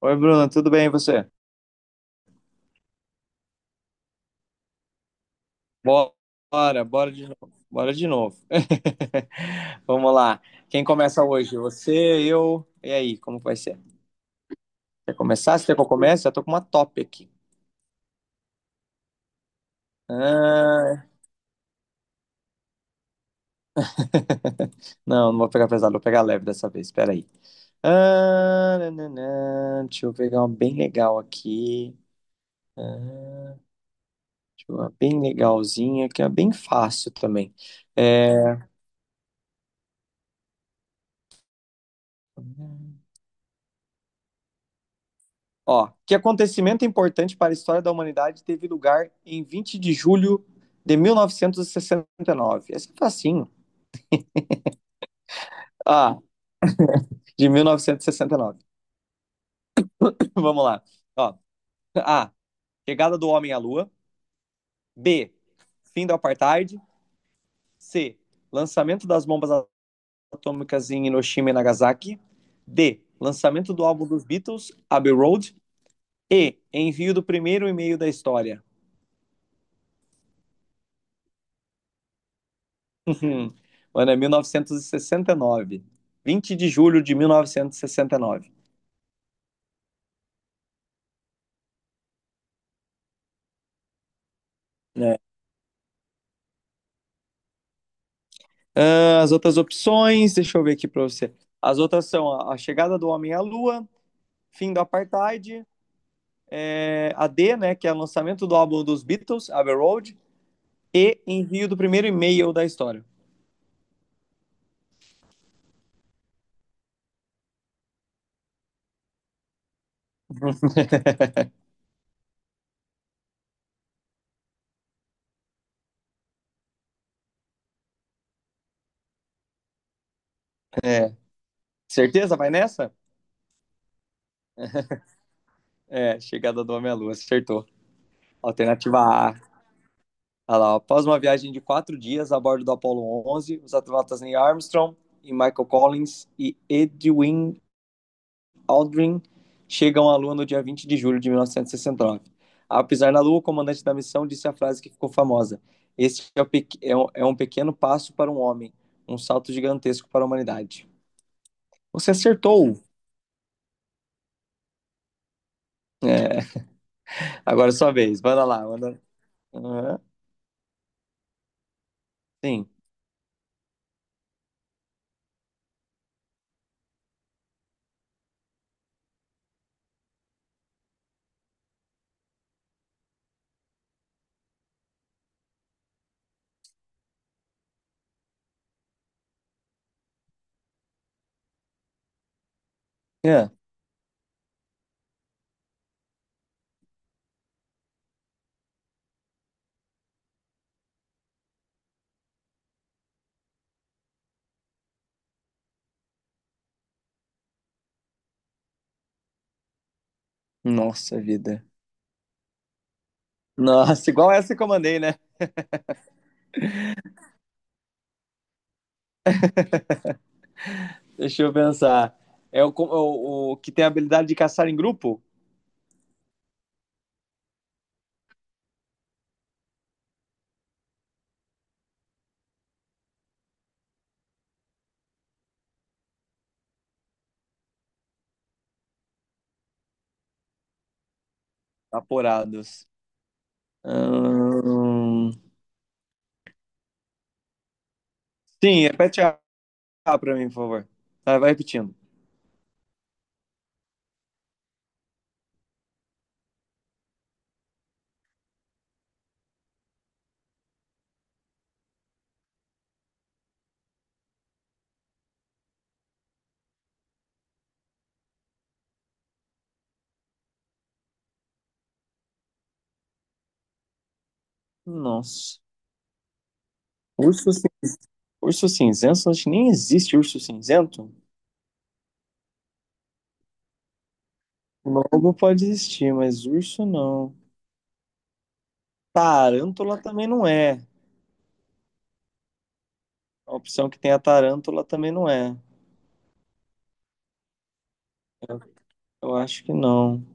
Oi, Bruno, tudo bem e você? Bora, bora de novo. Bora de novo. Vamos lá. Quem começa hoje? Você, eu. E aí, como vai ser? Quer começar? Se quer que eu comece? Já tô com uma top aqui. Ah, não, não vou pegar pesado, vou pegar leve dessa vez. Espera aí. Ah, nananã. Deixa eu pegar uma bem legal aqui. Ah, deixa eu ver uma bem legalzinha, que é bem fácil também. É. Ó, que acontecimento importante para a história da humanidade teve lugar em 20 de julho de 1969? Esse é facinho. Ah, de mil novecentos e sessenta e nove. Vamos lá. Ó, A. Chegada do homem à lua. B. Fim do apartheid. C. Lançamento das bombas atômicas em Hiroshima e Nagasaki. D. Lançamento do álbum dos Beatles, Abbey Road. E. Envio do primeiro e-mail da história. Mano, é 1969, 20 de julho de 1969. É. Ah, as outras opções, deixa eu ver aqui pra você. As outras são a chegada do homem à lua, fim do apartheid, é, a D, né, que é o lançamento do álbum dos Beatles, Abbey Road, e envio do primeiro e-mail da história. É. Certeza? Vai nessa? É, chegada do homem à lua, acertou. Alternativa A. Olha lá, após uma viagem de 4 dias a bordo do Apollo 11, os astronautas Neil Armstrong e Michael Collins e Edwin Aldrin chegam à Lua no dia 20 de julho de 1969. Ao pisar na Lua, o comandante da missão disse a frase que ficou famosa: Este é, o pe- é um pequeno passo para um homem, um salto gigantesco para a humanidade. Você acertou! É, agora é sua vez, manda lá. Aham, sim. É. Nossa vida. Nossa, igual essa que eu mandei, né? Deixa eu pensar. É o que tem a habilidade de caçar em grupo? Aporados. Ahn, Sim, repete A pra mim, por favor. Vai, vai repetindo. Nossa. Urso, cin- urso cinzento? Acho que nem existe urso cinzento. Lobo pode existir, mas urso não. Tarântula também não é. A opção que tem a tarântula também não é. Eu, eu acho que não.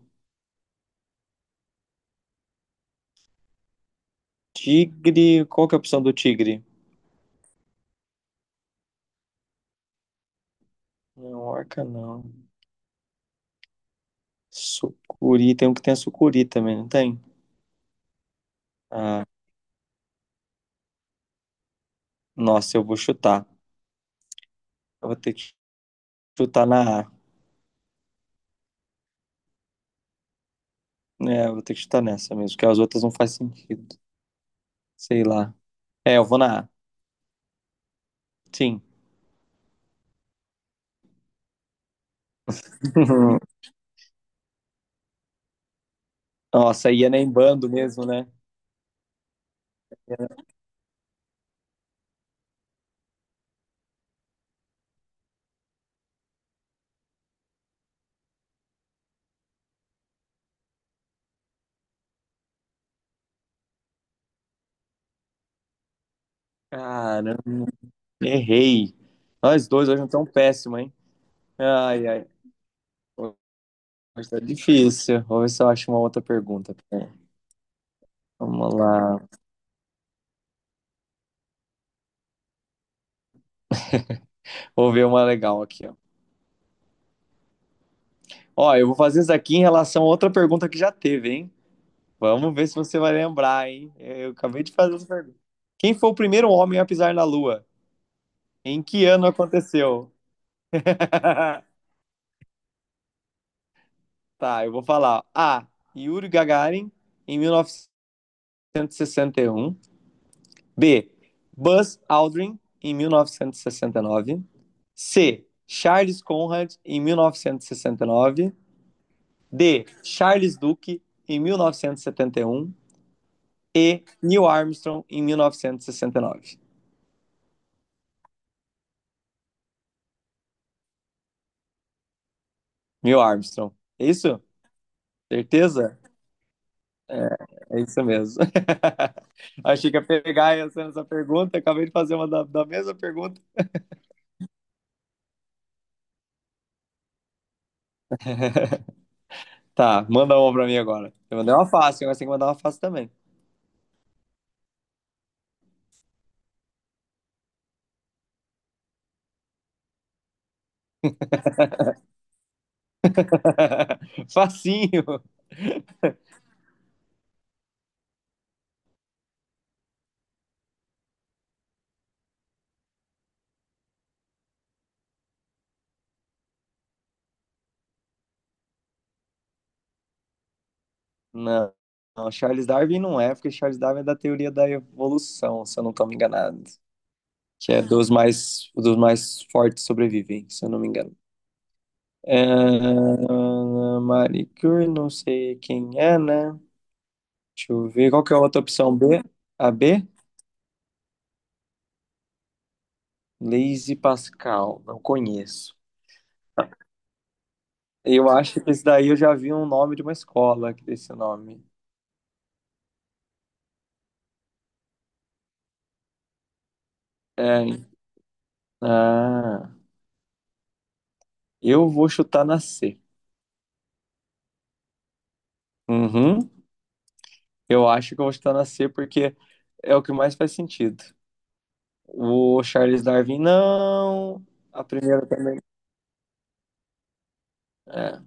Tigre. Qual que é a opção do tigre? Não, orca não. Sucuri. Tem um que tem a sucuri também, não tem? Ah, nossa, eu vou chutar. Eu vou ter que chutar na A. É, eu vou ter que chutar nessa mesmo, porque as outras não faz sentido. Sei lá. É, eu vou na A. Sim. Nossa, ia nem bando mesmo, né? Caramba, errei. Nós dois hoje não tão péssimo, hein? Ai, ai. Mas tá difícil. Vou ver se eu acho uma outra pergunta. Pera aí. Vamos lá. Vou ver uma legal aqui, ó. Ó, eu vou fazer isso aqui em relação a outra pergunta que já teve, hein? Vamos ver se você vai lembrar, hein? Eu acabei de fazer essa pergunta. Quem foi o primeiro homem a pisar na Lua? Em que ano aconteceu? Tá, eu vou falar. A. Yuri Gagarin, em mil novecentos e sessenta e um. B. Buzz Aldrin, em 1969. C. Charles Conrad, em 1969. D. Charles Duke, em 1971. E. 71. E. Neil Armstrong, em 1969. Neil Armstrong. É isso? Certeza? É, é isso mesmo. Achei que ia pegar essa pergunta, acabei de fazer uma da mesma pergunta. Tá, manda uma pra mim agora. Eu mandei uma fácil, agora você tem que mandar uma fácil também. Facinho. Não, não, Charles Darwin não é, porque Charles Darwin é da teoria da evolução, se eu não estou me enganado. Que é dos mais fortes sobrevivem, se eu não me engano. É, Marie Curie, não sei quem é, né? Deixa eu ver, qual que é a outra opção B? A B? Blaise Pascal, não conheço. Eu acho que esse daí eu já vi um nome de uma escola que tem esse nome. É. Ah. Eu vou chutar na C. Uhum. Eu acho que eu vou chutar na C porque é o que mais faz sentido. O Charles Darwin, não. A primeira também. É,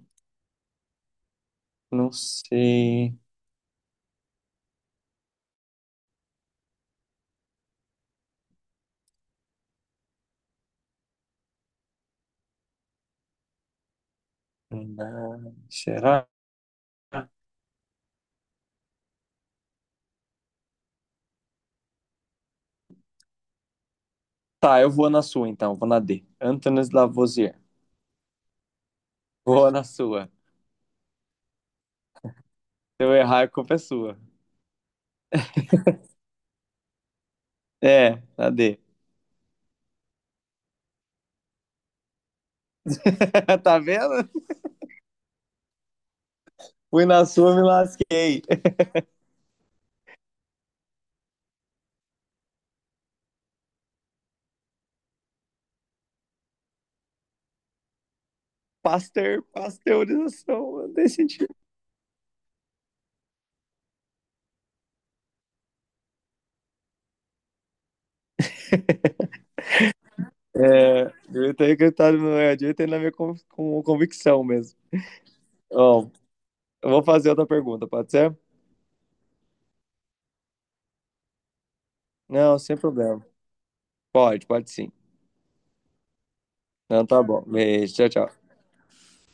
não sei. Será? Tá, eu vou na sua então, vou na D. Antônio Lavoisier. Vou na sua. Se eu errar, a culpa é sua. É, na D. Tá vendo? Fui na sua, me lasquei. Pasteur, pasteurização, não tem sentido. É, direito é acreditado, não é direito é na minha convicção mesmo. Ó, eu vou fazer outra pergunta, pode ser? Não, sem problema. Pode, pode sim. Não, tá bom. Beijo, tchau, tchau.